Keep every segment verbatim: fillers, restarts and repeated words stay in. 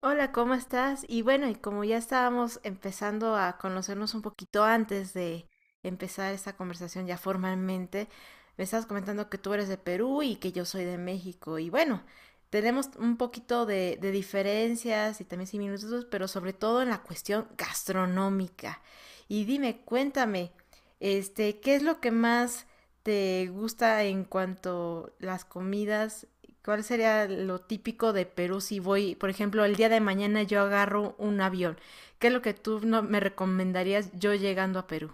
Hola, ¿cómo estás? Y bueno, y como ya estábamos empezando a conocernos un poquito antes de empezar esta conversación ya formalmente, me estás comentando que tú eres de Perú y que yo soy de México. Y bueno, tenemos un poquito de, de diferencias y también similitudes, pero sobre todo en la cuestión gastronómica. Y dime, cuéntame, este, ¿qué es lo que más te gusta en cuanto las comidas? ¿Cuál sería lo típico de Perú si voy, por ejemplo, el día de mañana yo agarro un avión? ¿Qué es lo que tú no me recomendarías yo llegando a Perú?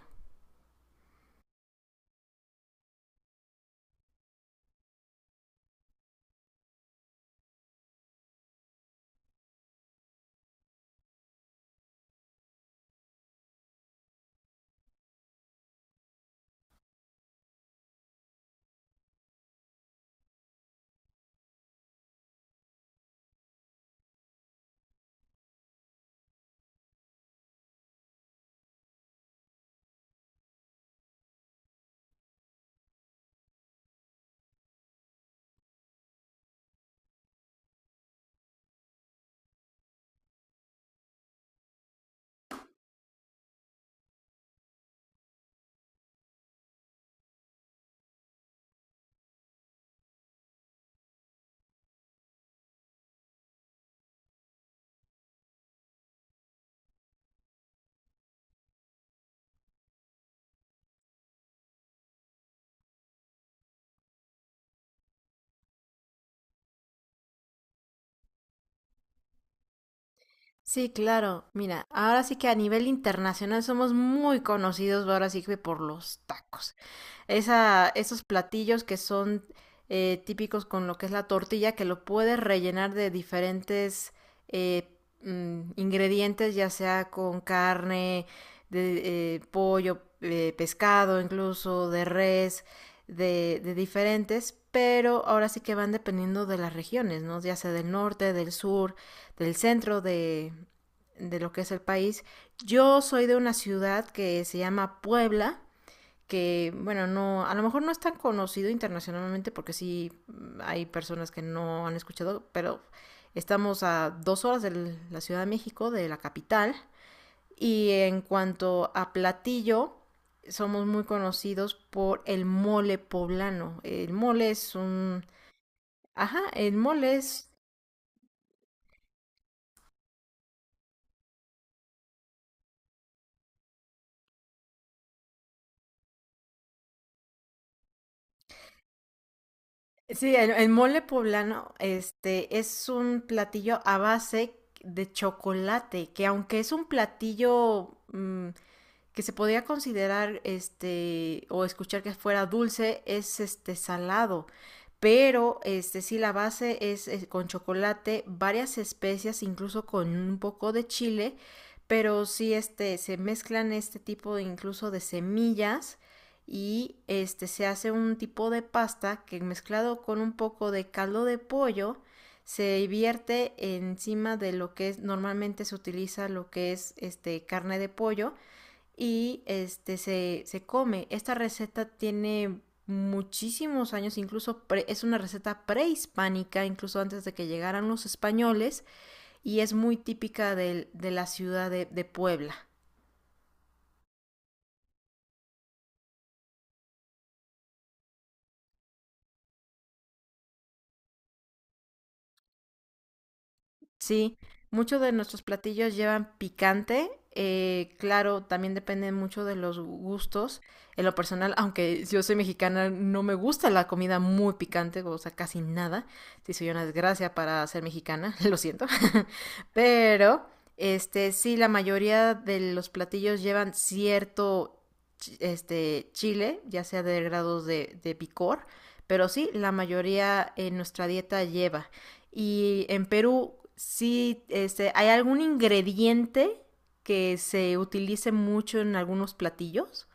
Sí, claro. Mira, ahora sí que a nivel internacional somos muy conocidos ahora sí que por los tacos. Esa, esos platillos que son eh, típicos con lo que es la tortilla, que lo puedes rellenar de diferentes eh, mm, ingredientes, ya sea con carne, de eh, pollo, eh, pescado incluso, de res, de, de diferentes, pero ahora sí que van dependiendo de las regiones, ¿no? Ya sea del norte, del sur del centro de, de lo que es el país. Yo soy de una ciudad que se llama Puebla, que bueno, no, a lo mejor no es tan conocido internacionalmente porque sí hay personas que no han escuchado, pero estamos a dos horas de la Ciudad de México, de la capital, y en cuanto a platillo, somos muy conocidos por el mole poblano. El mole es un... Ajá, el mole es... Sí, el, el mole poblano, este, es un platillo a base de chocolate, que aunque es un platillo mm, que se podría considerar este o escuchar que fuera dulce, es este salado, pero este sí la base es, es, con chocolate, varias especias, incluso con un poco de chile, pero sí este se mezclan este tipo de, incluso de semillas, y este se hace un tipo de pasta que mezclado con un poco de caldo de pollo se vierte encima de lo que es, normalmente se utiliza lo que es este carne de pollo, y este se, se come. Esta receta tiene muchísimos años, incluso pre- es una receta prehispánica, incluso antes de que llegaran los españoles, y es muy típica de de, la ciudad de, de Puebla. Sí, muchos de nuestros platillos llevan picante. Eh, claro, también depende mucho de los gustos. En lo personal, aunque yo soy mexicana, no me gusta la comida muy picante, o sea, casi nada. Sí, soy una desgracia para ser mexicana, lo siento. Pero, este, sí, la mayoría de los platillos llevan cierto, chi- este, chile, ya sea de grados de, de picor. Pero sí, la mayoría en nuestra dieta lleva. Y en Perú, sí, este, ¿hay algún ingrediente que se utilice mucho en algunos platillos?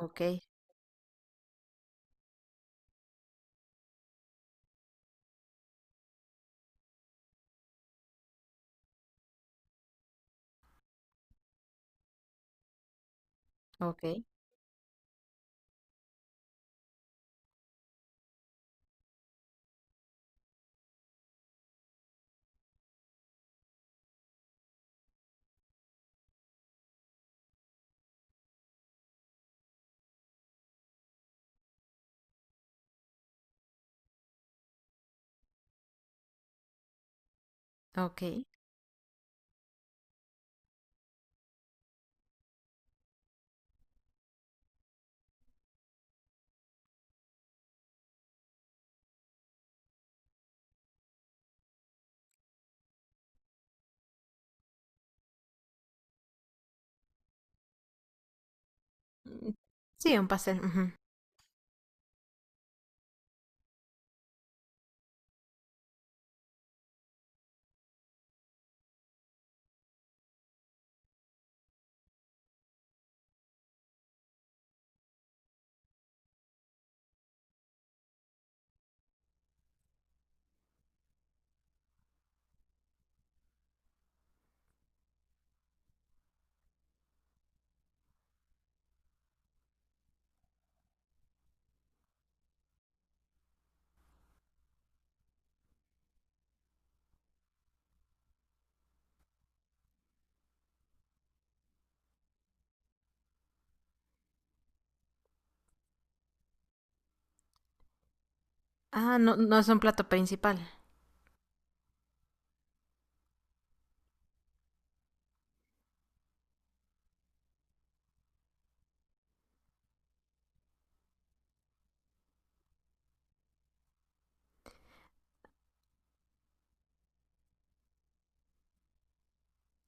Ok, ok, ok. Mm. Sí, un pastel. Ujú. Ah, no, no es un plato principal.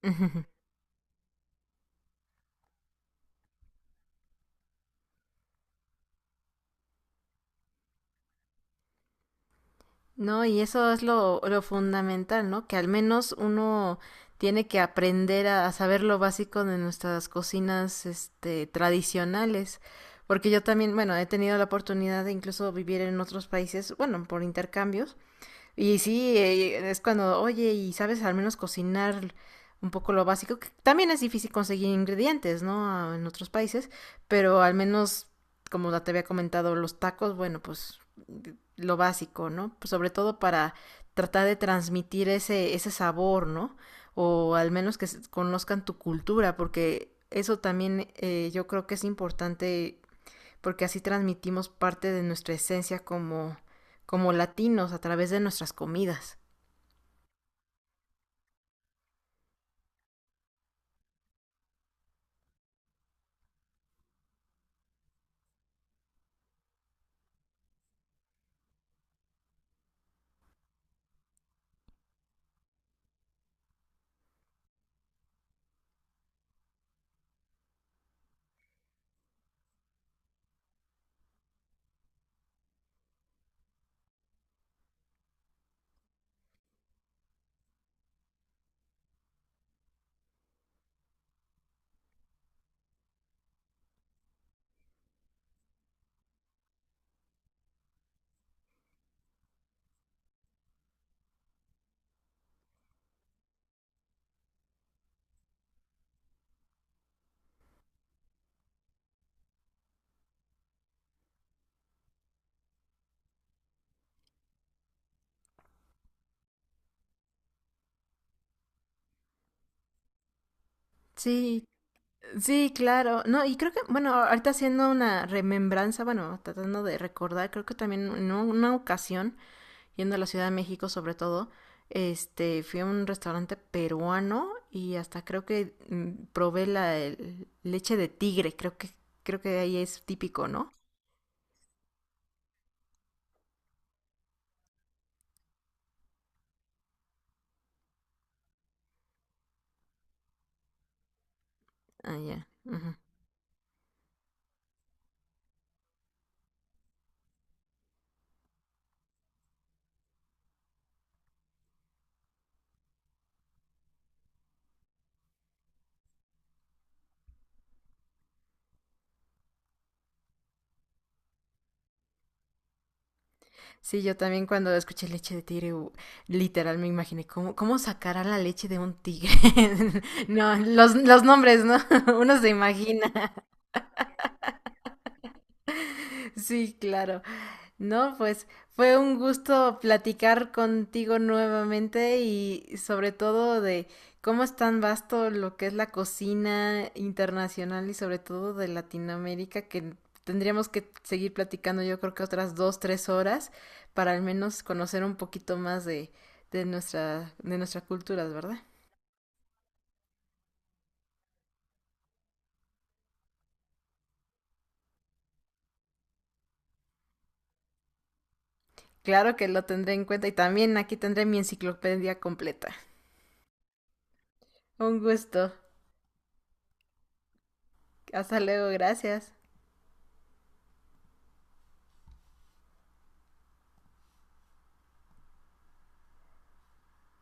No, y eso es lo, lo fundamental, ¿no? Que al menos uno tiene que aprender a, a saber lo básico de nuestras cocinas, este, tradicionales. Porque yo también, bueno, he tenido la oportunidad de incluso vivir en otros países, bueno, por intercambios, y sí, eh, es cuando, oye, y sabes al menos cocinar un poco lo básico, que también es difícil conseguir ingredientes, ¿no? A- en otros países, pero al menos, como ya te había comentado, los tacos, bueno, pues lo básico, ¿no? Pues sobre todo para tratar de transmitir ese, ese sabor, ¿no? O al menos que se- conozcan tu cultura, porque eso también eh, yo creo que es importante, porque así transmitimos parte de nuestra esencia como, como latinos a través de nuestras comidas. Sí, sí, claro. No, y creo que, bueno, ahorita haciendo una remembranza, bueno, tratando de recordar, creo que también en una ocasión, yendo a la Ciudad de México sobre todo, este, fui a un restaurante peruano y hasta creo que mm, probé la el- leche de tigre, creo que, creo que ahí es típico, ¿no? Ah, ya. Ujú. Sí, yo también cuando escuché leche de tigre, u- literal me imaginé cómo, cómo sacará la leche de un tigre. No, los, los nombres, ¿no? Uno se imagina. Sí, claro. No, pues fue un gusto platicar contigo nuevamente y sobre todo de cómo es tan vasto lo que es la cocina internacional y sobre todo de Latinoamérica, que tendríamos que seguir platicando yo creo que otras dos, tres horas para al menos conocer un poquito más de, de nuestra, de nuestras culturas, ¿verdad? Claro que lo tendré en cuenta y también aquí tendré mi enciclopedia completa. Un gusto. Hasta luego, gracias.